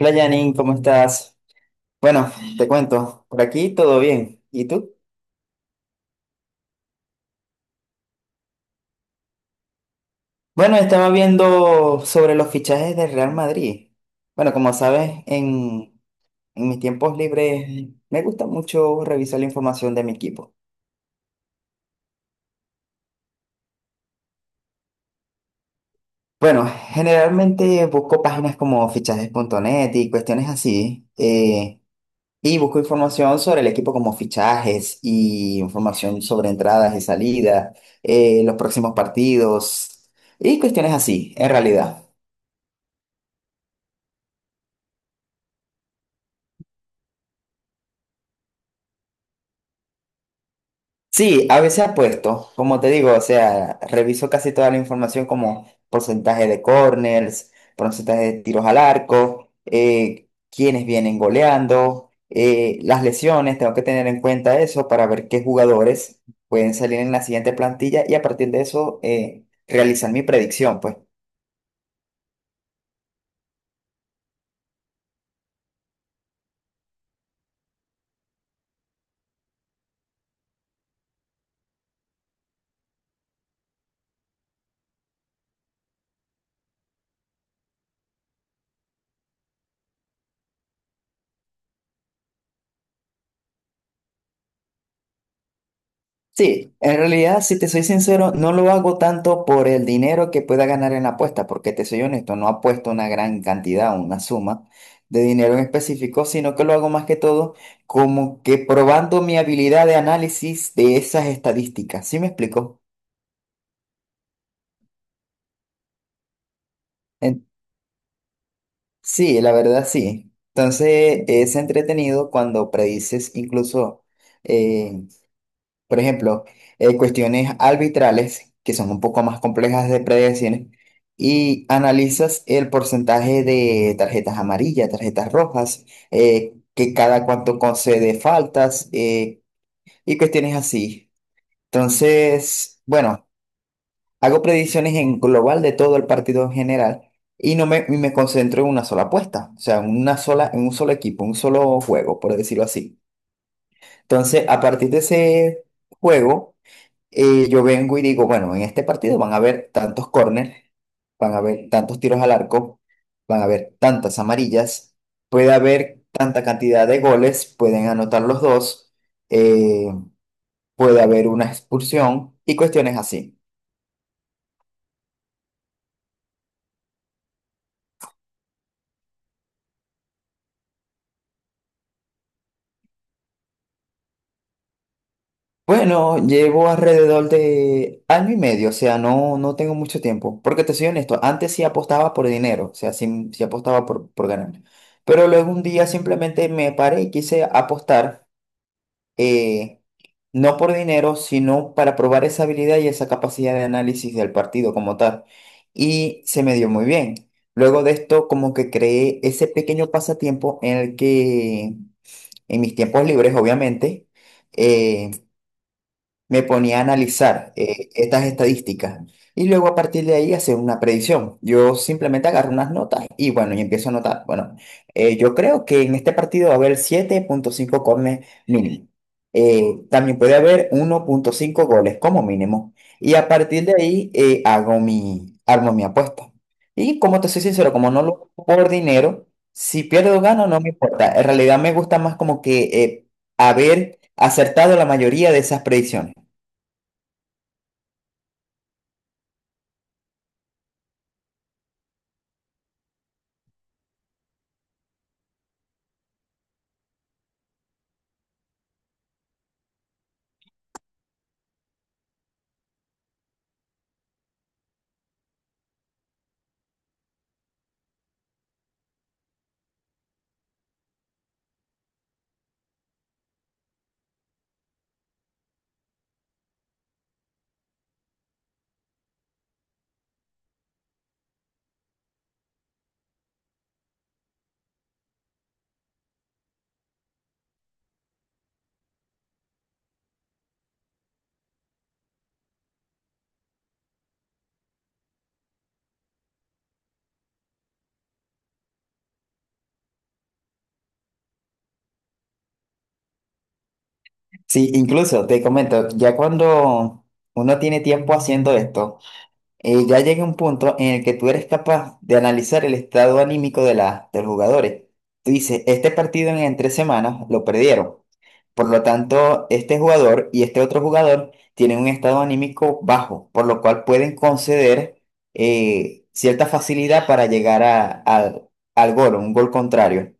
Hola Janine, ¿cómo estás? Bueno, te cuento, por aquí todo bien. ¿Y tú? Bueno, estaba viendo sobre los fichajes del Real Madrid. Bueno, como sabes, en mis tiempos libres me gusta mucho revisar la información de mi equipo. Bueno, generalmente busco páginas como fichajes punto net y cuestiones así, y busco información sobre el equipo como fichajes y información sobre entradas y salidas, los próximos partidos y cuestiones así, en realidad. Sí, a veces apuesto, como te digo, o sea, reviso casi toda la información como porcentaje de corners, porcentaje de tiros al arco, quiénes vienen goleando, las lesiones, tengo que tener en cuenta eso para ver qué jugadores pueden salir en la siguiente plantilla y a partir de eso realizar mi predicción, pues. Sí, en realidad, si te soy sincero, no lo hago tanto por el dinero que pueda ganar en la apuesta, porque te soy honesto, no apuesto una gran cantidad, una suma de dinero en específico, sino que lo hago más que todo como que probando mi habilidad de análisis de esas estadísticas. ¿Sí me explico? En- sí, la verdad sí. Entonces, es entretenido cuando predices incluso eh, por ejemplo, cuestiones arbitrales, que son un poco más complejas de predecir, y analizas el porcentaje de tarjetas amarillas, tarjetas rojas, que cada cuánto concede faltas, y cuestiones así. Entonces, bueno, hago predicciones en global de todo el partido en general y no me, y me concentro en una sola apuesta, o sea, en una sola, en un solo equipo, un solo juego, por decirlo así. Entonces, a partir de ese juego, y yo vengo y digo, bueno, en este partido van a haber tantos córneres, van a haber tantos tiros al arco, van a haber tantas amarillas, puede haber tanta cantidad de goles, pueden anotar los dos, eh, puede haber una expulsión y cuestiones así. Bueno, llevo alrededor de año y medio, o sea, no, no tengo mucho tiempo, porque te soy honesto, antes sí apostaba por dinero, o sea, sí, sí apostaba por ganar, pero luego un día simplemente me paré y quise apostar. eh, no por dinero, sino para probar esa habilidad y esa capacidad de análisis del partido como tal. Y se me dio muy bien. Luego de esto, como que creé ese pequeño pasatiempo en el que, en mis tiempos libres, obviamente, eh, me ponía a analizar estas estadísticas y luego a partir de ahí hacer una predicción. Yo simplemente agarro unas notas y bueno, y empiezo a anotar. Bueno, yo creo que en este partido va a haber 7.5 corners mínimo. También puede haber 1.5 goles como mínimo. Y a partir de ahí armo mi apuesta. Y como te soy sincero, como no lo hago por dinero, si pierdo o gano no me importa. En realidad me gusta más como que haber acertado la mayoría de esas predicciones. Sí, incluso te comento, ya cuando uno tiene tiempo haciendo esto, ya llega un punto en el que tú eres capaz de analizar el estado anímico de los jugadores. Tú dices, este partido en 3 semanas lo perdieron. Por lo tanto, este jugador y este otro jugador tienen un estado anímico bajo, por lo cual pueden conceder cierta facilidad para llegar al gol, un gol contrario.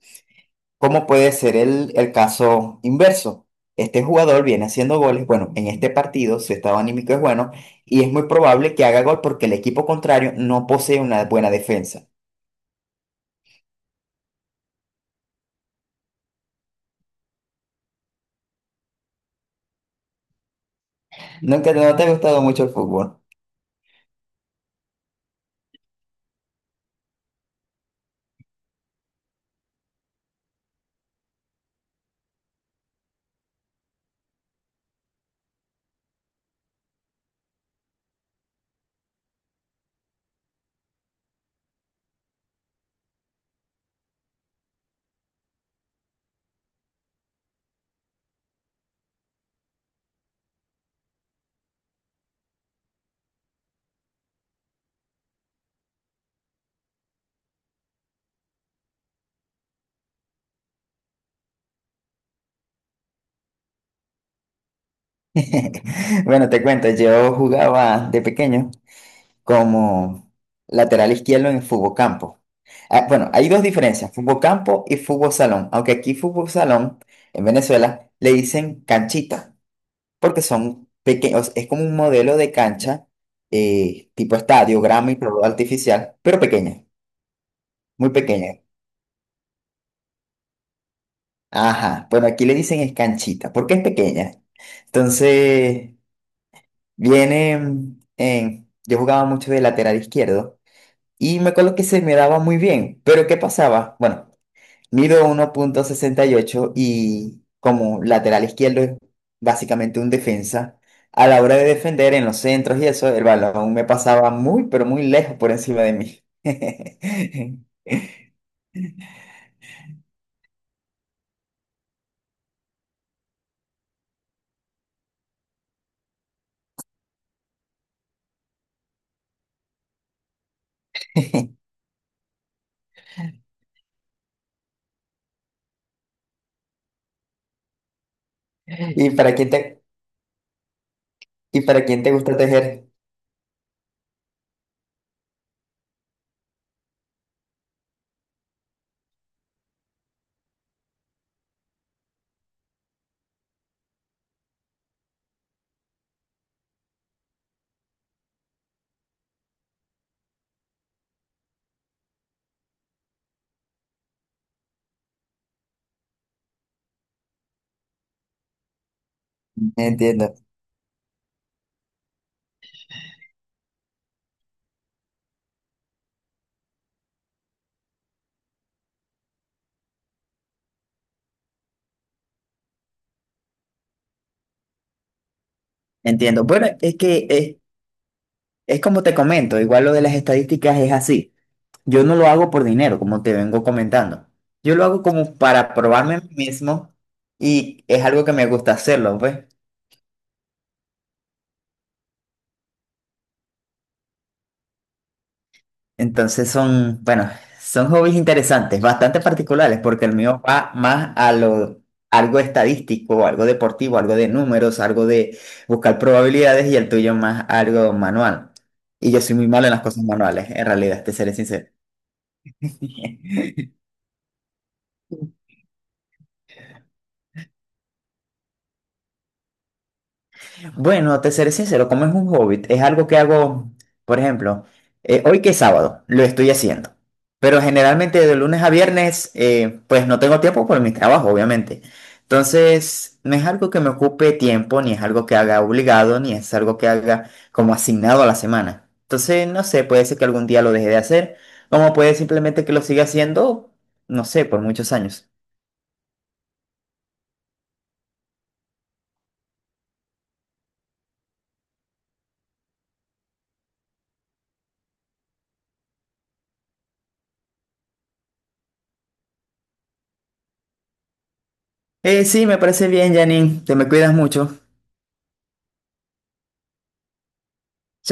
¿Cómo puede ser el caso inverso? Este jugador viene haciendo goles, bueno, en este partido su estado anímico es bueno y es muy probable que haga gol porque el equipo contrario no posee una buena defensa. Nunca no te ha gustado mucho el fútbol. Bueno, te cuento, yo jugaba de pequeño como lateral izquierdo en el fútbol campo. Ah, bueno, hay dos diferencias, fútbol campo y fútbol salón, aunque aquí fútbol salón en Venezuela le dicen canchita. Porque son pequeños, es como un modelo de cancha, tipo estadio, grama y prórroga artificial, pero pequeña, muy pequeña. Ajá, bueno, aquí le dicen es canchita, porque es pequeña. Entonces, viene yo jugaba mucho de lateral izquierdo y me acuerdo que se me daba muy bien, pero ¿qué pasaba? Bueno. Mido 1.68 y ocho y como lateral izquierdo es básicamente un defensa. A la hora de defender en los centros y eso, el balón me pasaba muy, pero muy lejos por encima de mí. ¿Y para quién te, y para quién te gusta tejer? Entiendo, entiendo. Bueno, es que es, como te comento, igual lo de las estadísticas es así. Yo no lo hago por dinero, como te vengo comentando. Yo lo hago como para probarme a mí mismo y es algo que me gusta hacerlo, pues. Entonces son, bueno, son hobbies interesantes, bastante particulares, porque el mío va más a lo, algo estadístico, algo deportivo, algo de números, algo de buscar probabilidades y el tuyo más algo manual. Y yo soy muy malo en las cosas manuales, en realidad, te seré sincero. Bueno, te seré sincero, como es un hobbit, es algo que hago, por ejemplo, hoy que es sábado, lo estoy haciendo, pero generalmente de lunes a viernes, pues no tengo tiempo por mi trabajo, obviamente. Entonces, no es algo que me ocupe tiempo, ni es algo que haga obligado, ni es algo que haga como asignado a la semana. Entonces, no sé, puede ser que algún día lo deje de hacer, como puede simplemente que lo siga haciendo, no sé, por muchos años. Sí, me parece bien, Janine, te me cuidas mucho. Chao.